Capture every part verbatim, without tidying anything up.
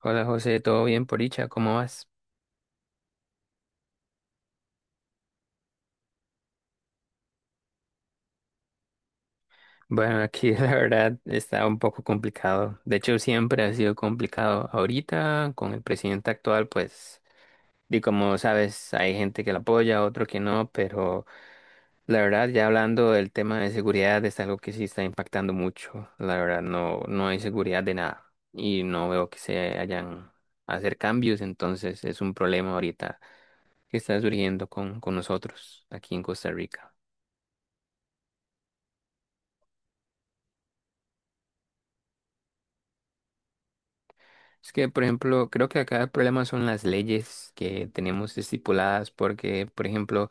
Hola José, ¿todo bien por dicha? ¿Cómo vas? Bueno, aquí la verdad está un poco complicado. De hecho, siempre ha sido complicado. Ahorita, con el presidente actual, pues, y como sabes, hay gente que lo apoya, otro que no, pero la verdad, ya hablando del tema de seguridad, es algo que sí está impactando mucho. La verdad, no, no hay seguridad de nada y no veo que se hayan a hacer cambios. Entonces es un problema ahorita que está surgiendo con, con nosotros aquí en Costa Rica. Es que, por ejemplo, creo que acá el problema son las leyes que tenemos estipuladas, porque, por ejemplo,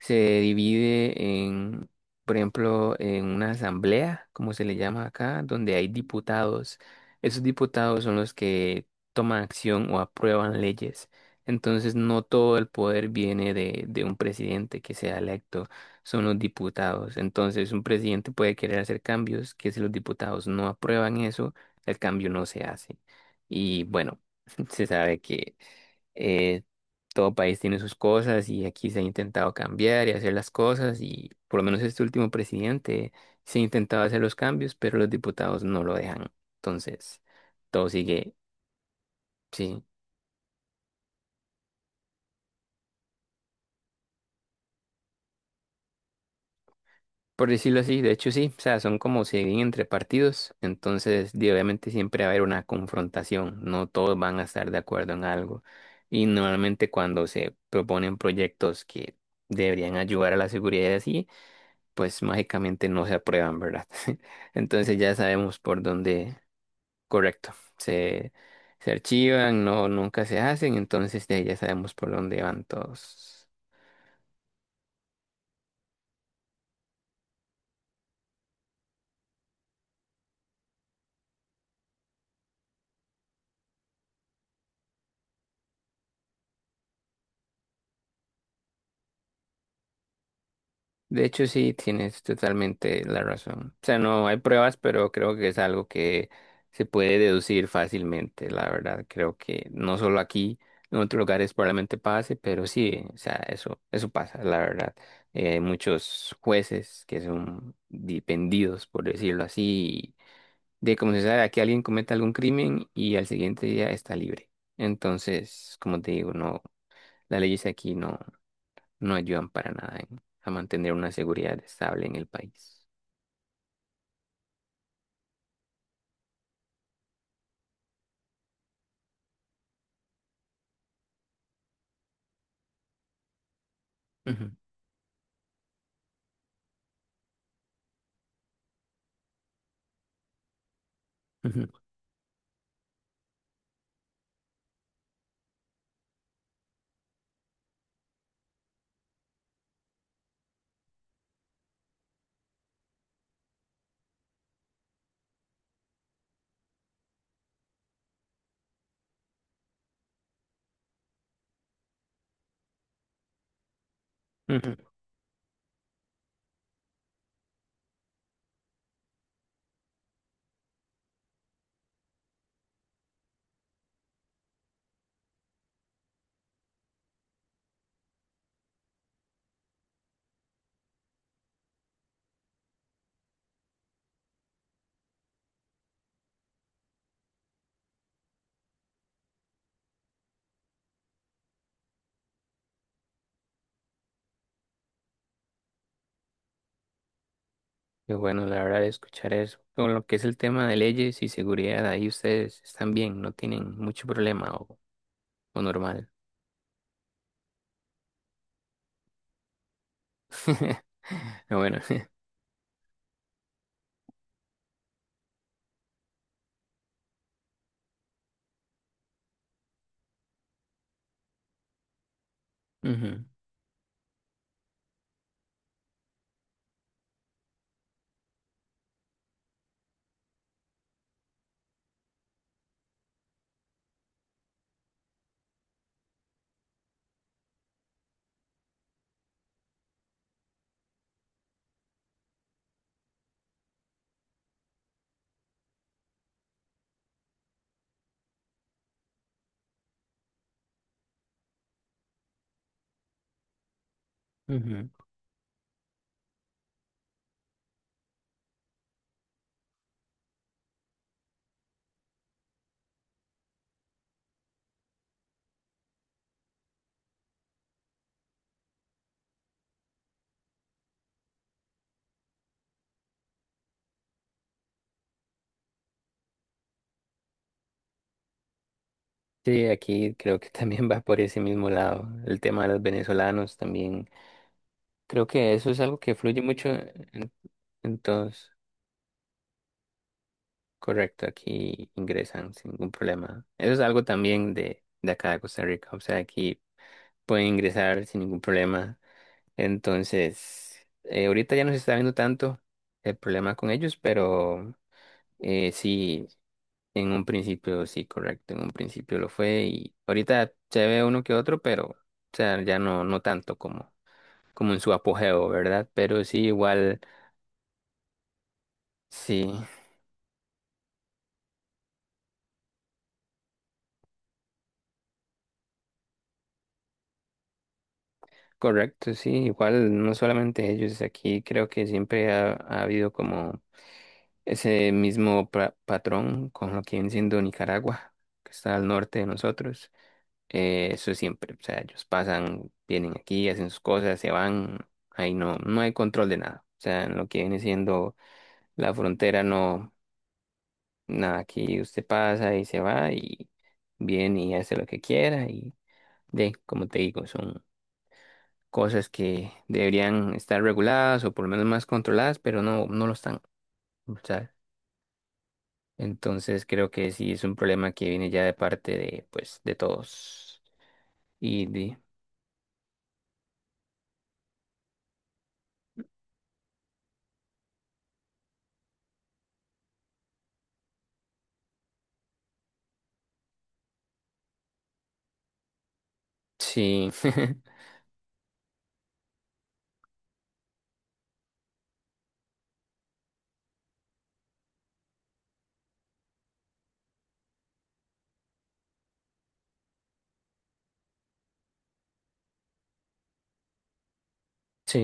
se divide en, por ejemplo, en una asamblea, como se le llama acá, donde hay diputados. Esos diputados son los que toman acción o aprueban leyes. Entonces, no todo el poder viene de, de un presidente que sea electo, son los diputados. Entonces, un presidente puede querer hacer cambios, que si los diputados no aprueban eso, el cambio no se hace. Y bueno, se sabe que eh, todo país tiene sus cosas y aquí se ha intentado cambiar y hacer las cosas y por lo menos este último presidente se ha intentado hacer los cambios, pero los diputados no lo dejan. Entonces, todo sigue, sí, por decirlo así, de hecho sí, o sea, son como siguen entre partidos, entonces di, obviamente siempre va a haber una confrontación, no todos van a estar de acuerdo en algo y normalmente cuando se proponen proyectos que deberían ayudar a la seguridad y así, pues mágicamente no se aprueban, ¿verdad? Entonces ya sabemos por dónde, correcto, se, se archivan, no, nunca se hacen, entonces de ahí ya sabemos por dónde van todos. De hecho, sí, tienes totalmente la razón. O sea, no hay pruebas, pero creo que es algo que se puede deducir fácilmente, la verdad. Creo que no solo aquí, en otros lugares probablemente pase, pero sí, o sea, eso, eso pasa, la verdad. Eh, hay muchos jueces que son dependidos, por decirlo así, de como se sabe, aquí alguien comete algún crimen y al siguiente día está libre. Entonces, como te digo, no, las leyes aquí no no ayudan para nada en- a mantener una seguridad estable en el país. Ujú, ujú, ujú. Qué bueno, la verdad, escuchar eso. Con lo que es el tema de leyes y seguridad, ahí ustedes están bien, no tienen mucho problema o, o normal. Pero bueno, ujú, ujú. Sí, aquí creo que también va por ese mismo lado. El tema de los venezolanos también. Creo que eso es algo que fluye mucho en, en todos. Correcto, aquí ingresan sin ningún problema. Eso es algo también de, de acá de Costa Rica, o sea, aquí pueden ingresar sin ningún problema. Entonces, eh, ahorita ya no se está viendo tanto el problema con ellos, pero eh, sí, en un principio sí, correcto, en un principio lo fue y ahorita se ve uno que otro, pero o sea, ya no, no tanto como, como en su apogeo, ¿verdad? Pero sí, igual, sí. Correcto, sí, igual no solamente ellos, aquí creo que siempre ha, ha habido como ese mismo pra- patrón con lo que viene siendo Nicaragua, que está al norte de nosotros. Eh, eso siempre, o sea, ellos pasan, vienen aquí, hacen sus cosas, se van, ahí no, no hay control de nada. O sea, en lo que viene siendo la frontera, no, nada, aquí usted pasa y se va y viene y hace lo que quiera y de, como te digo, son cosas que deberían estar reguladas o por lo menos más controladas, pero no, no lo están, ¿sabes? Entonces creo que sí es un problema que viene ya de parte de, pues, de todos. Y de, sí, sí,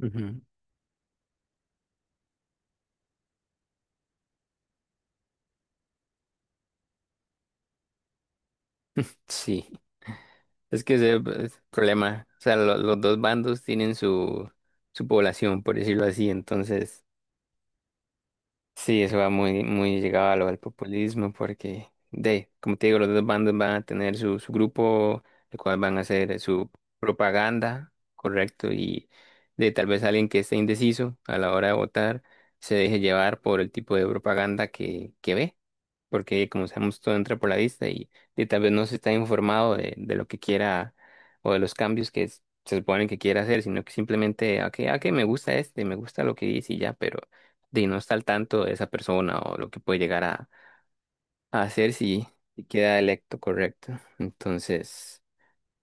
ujú, sí. Es que ese es el problema. O sea, lo- los dos bandos tienen su, su población, por decirlo así. Entonces, sí, eso va muy, muy llegado a lo del populismo, porque, de, como te digo, los dos bandos van a tener su, su grupo, el cual van a hacer su propaganda, correcto, y de tal vez alguien que esté indeciso a la hora de votar se deje llevar por el tipo de propaganda que, que ve porque como sabemos todo entra por la vista y, y tal vez no se está informado de, de lo que quiera o de los cambios que es- se supone que quiera hacer, sino que simplemente, ah, que ah, que me gusta este, me gusta lo que dice y ya, pero de no está al tanto de esa persona o lo que puede llegar a, a hacer si, si queda electo correcto. Entonces,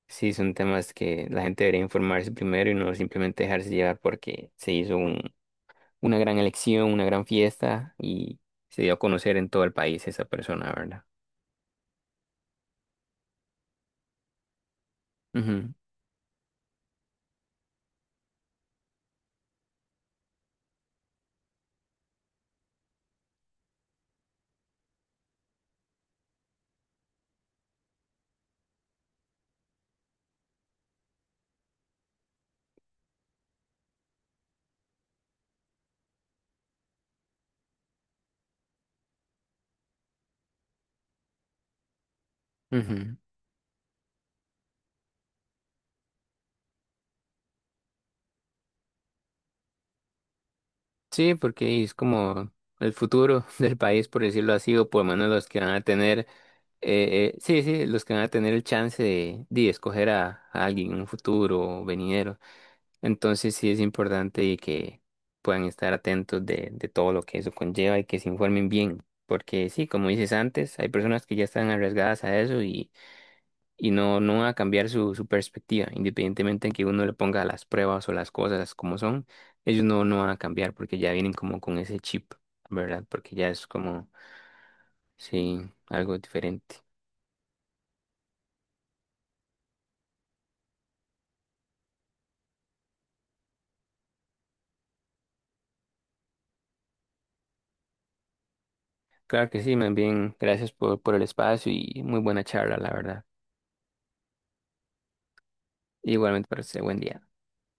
sí, son temas que la gente debería informarse primero y no simplemente dejarse llevar porque se hizo un, una gran elección, una gran fiesta y se dio a conocer en todo el país esa persona, ¿verdad? Ujú. Ujú. Sí, porque es como el futuro del país, por decirlo así, o por lo menos los que van a tener, eh, eh, sí, sí, los que van a tener el chance de, de escoger a, a alguien en un futuro o venidero. Entonces sí es importante y que puedan estar atentos de, de todo lo que eso conlleva y que se informen bien, porque sí, como dices antes, hay personas que ya están arriesgadas a eso y no, no va a cambiar su, su perspectiva, independientemente de que uno le ponga las pruebas o las cosas como son, ellos no, no van a cambiar porque ya vienen como con ese chip, ¿verdad? Porque ya es como, sí, algo diferente. Claro que sí, más bien, gracias por, por el espacio y muy buena charla, la verdad. Igualmente, para usted, buen día.